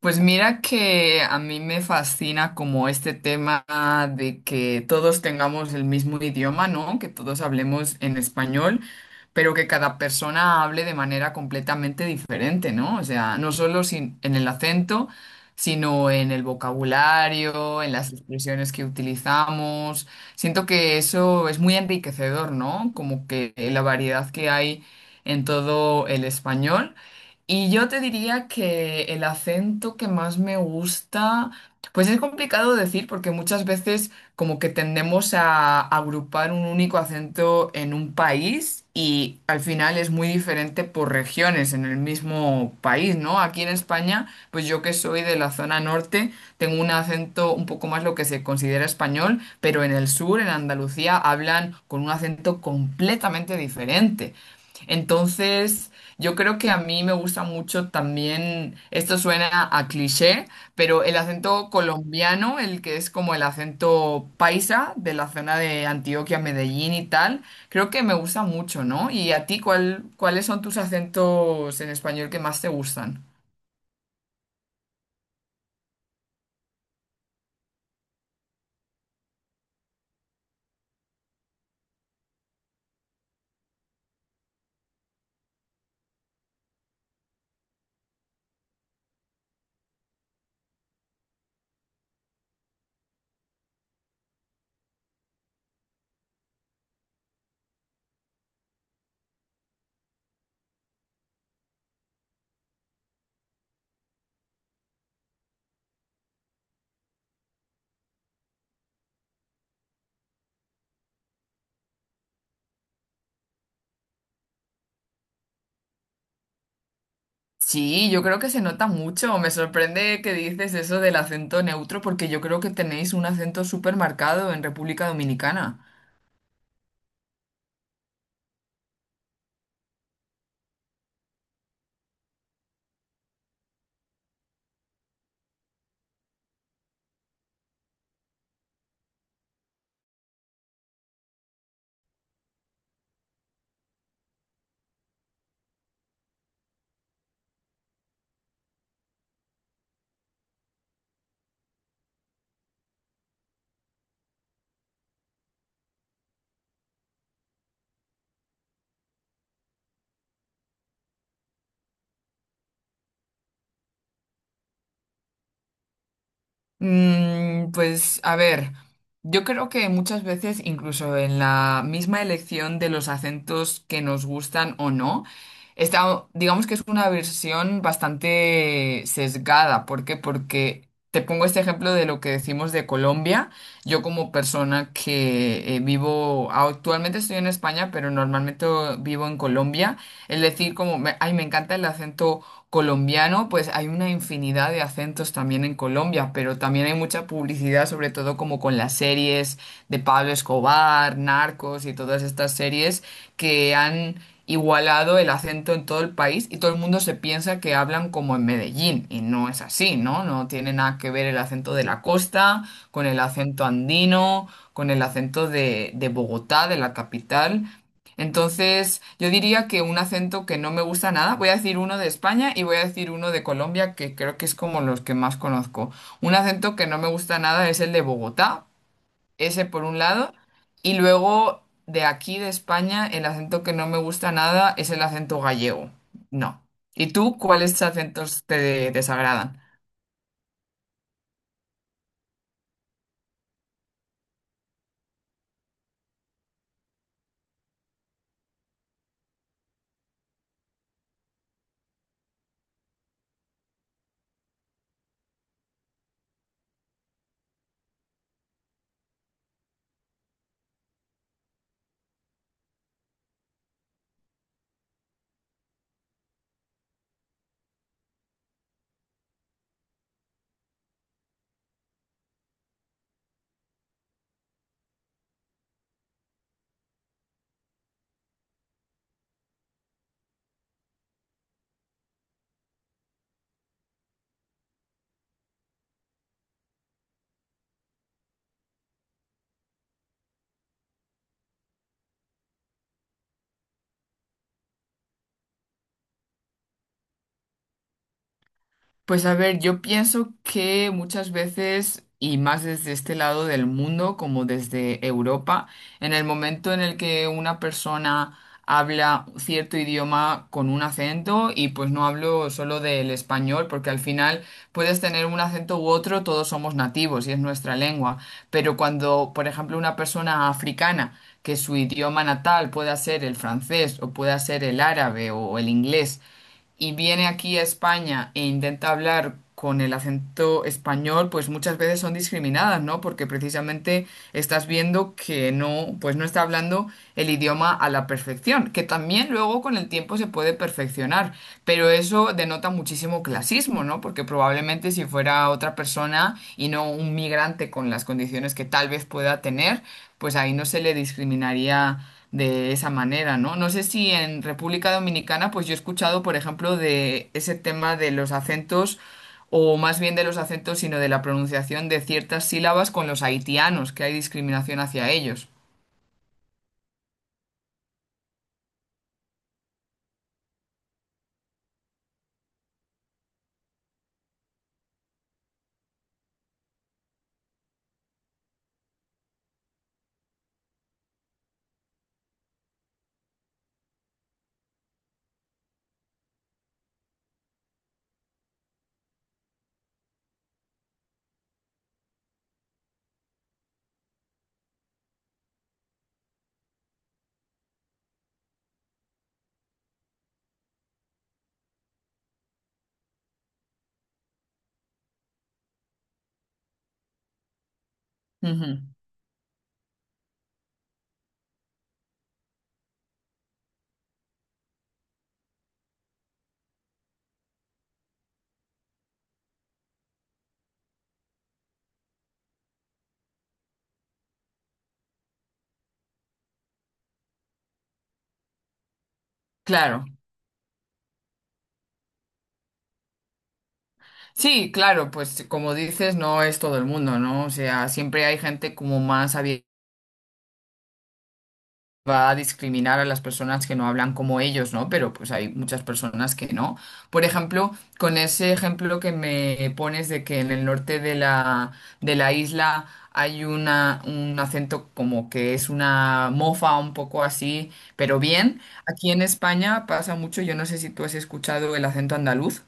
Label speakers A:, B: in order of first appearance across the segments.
A: Pues mira que a mí me fascina como este tema de que todos tengamos el mismo idioma, ¿no? Que todos hablemos en español, pero que cada persona hable de manera completamente diferente, ¿no? O sea, no solo en el acento, sino en el vocabulario, en las expresiones que utilizamos. Siento que eso es muy enriquecedor, ¿no? Como que la variedad que hay en todo el español. Y yo te diría que el acento que más me gusta, pues es complicado decir porque muchas veces como que tendemos a agrupar un único acento en un país y al final es muy diferente por regiones en el mismo país, ¿no? Aquí en España, pues yo que soy de la zona norte, tengo un acento un poco más lo que se considera español, pero en el sur, en Andalucía, hablan con un acento completamente diferente. Entonces, yo creo que a mí me gusta mucho también, esto suena a cliché, pero el acento colombiano, el que es como el acento paisa de la zona de Antioquia, Medellín y tal, creo que me gusta mucho, ¿no? ¿Y a ti cuál, cuáles son tus acentos en español que más te gustan? Sí, yo creo que se nota mucho. Me sorprende que dices eso del acento neutro porque yo creo que tenéis un acento súper marcado en República Dominicana. Mm, pues a ver, yo creo que muchas veces, incluso en la misma elección de los acentos que nos gustan o no, está, digamos que es una versión bastante sesgada. ¿Por qué? Porque te pongo este ejemplo de lo que decimos de Colombia. Yo como persona que vivo, actualmente estoy en España, pero normalmente vivo en Colombia. Es decir, como, me, ay, me encanta el acento colombiano, pues hay una infinidad de acentos también en Colombia, pero también hay mucha publicidad, sobre todo como con las series de Pablo Escobar, Narcos y todas estas series que han igualado el acento en todo el país y todo el mundo se piensa que hablan como en Medellín y no es así, ¿no? No tiene nada que ver el acento de la costa con el acento andino, con el acento de, Bogotá, de la capital. Entonces, yo diría que un acento que no me gusta nada, voy a decir uno de España y voy a decir uno de Colombia, que creo que es como los que más conozco. Un acento que no me gusta nada es el de Bogotá, ese por un lado. Y luego de aquí, de España, el acento que no me gusta nada es el acento gallego. No. ¿Y tú cuáles acentos te desagradan? Pues a ver, yo pienso que muchas veces, y más desde este lado del mundo, como desde Europa, en el momento en el que una persona habla cierto idioma con un acento, y pues no hablo solo del español, porque al final puedes tener un acento u otro, todos somos nativos y es nuestra lengua, pero cuando, por ejemplo, una persona africana, que su idioma natal pueda ser el francés o pueda ser el árabe o el inglés, y viene aquí a España e intenta hablar con el acento español, pues muchas veces son discriminadas, ¿no? Porque precisamente estás viendo que no, pues no está hablando el idioma a la perfección, que también luego con el tiempo se puede perfeccionar, pero eso denota muchísimo clasismo, ¿no? Porque probablemente si fuera otra persona y no un migrante con las condiciones que tal vez pueda tener, pues ahí no se le discriminaría de esa manera, ¿no? No sé si en República Dominicana, pues yo he escuchado, por ejemplo, de ese tema de los acentos, o más bien de los acentos, sino de la pronunciación de ciertas sílabas con los haitianos, que hay discriminación hacia ellos. Ujú. Claro. Sí, claro, pues como dices, no es todo el mundo, ¿no? O sea, siempre hay gente como más abierta va a discriminar a las personas que no hablan como ellos, ¿no? Pero pues hay muchas personas que no. Por ejemplo, con ese ejemplo que me pones de que en el norte de la isla hay una, un acento como que es una mofa un poco así, pero bien, aquí en España pasa mucho, yo no sé si tú has escuchado el acento andaluz.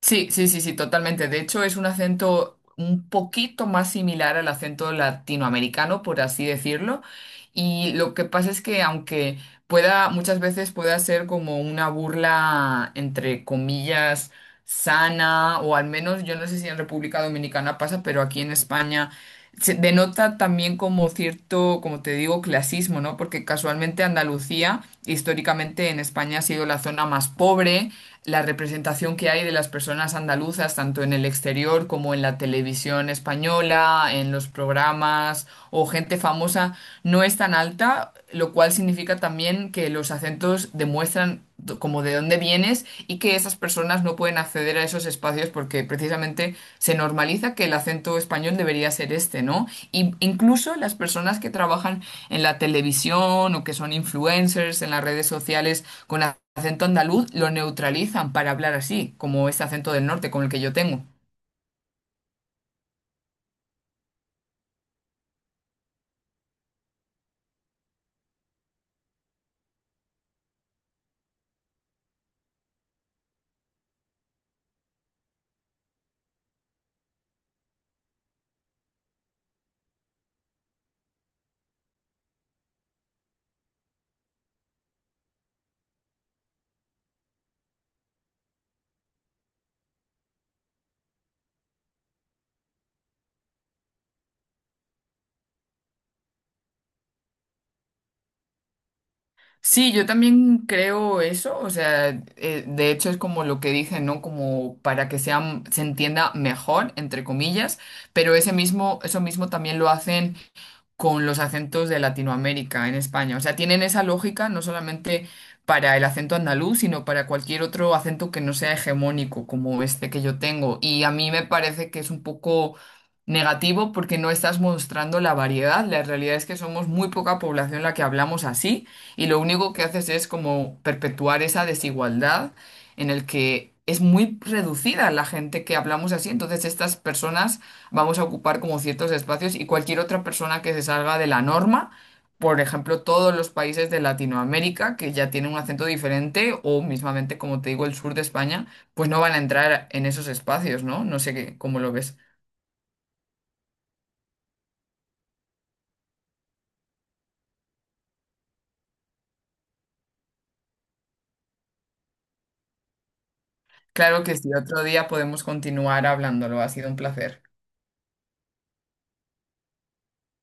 A: Sí, sí, sí, sí, totalmente. De hecho, es un acento un poquito más similar al acento latinoamericano, por así decirlo. Y lo que pasa es que aunque pueda, muchas veces pueda ser como una burla, entre comillas, sana, o al menos, yo no sé si en República Dominicana pasa, pero aquí en España se denota también como cierto, como te digo, clasismo, ¿no? Porque casualmente Andalucía, históricamente en España, ha sido la zona más pobre. La representación que hay de las personas andaluzas, tanto en el exterior como en la televisión española, en los programas o gente famosa, no es tan alta, lo cual significa también que los acentos demuestran como de dónde vienes y que esas personas no pueden acceder a esos espacios porque precisamente se normaliza que el acento español debería ser este, ¿no? Y incluso las personas que trabajan en la televisión o que son influencers en las redes sociales con acento andaluz lo neutralizan para hablar así, como ese acento del norte con el que yo tengo. Sí, yo también creo eso, o sea, de hecho es como lo que dije, ¿no? Como para que sea, se entienda mejor, entre comillas, pero ese mismo, eso mismo también lo hacen con los acentos de Latinoamérica en España. O sea, tienen esa lógica no solamente para el acento andaluz, sino para cualquier otro acento que no sea hegemónico como este que yo tengo. Y a mí me parece que es un poco negativo porque no estás mostrando la variedad. La realidad es que somos muy poca población la que hablamos así y lo único que haces es como perpetuar esa desigualdad en el que... Es muy reducida la gente que hablamos así, entonces estas personas vamos a ocupar como ciertos espacios y cualquier otra persona que se salga de la norma, por ejemplo, todos los países de Latinoamérica que ya tienen un acento diferente o mismamente, como te digo, el sur de España, pues no van a entrar en esos espacios, ¿no? No sé qué, cómo lo ves. Claro que si otro día podemos continuar hablándolo, ha sido un placer.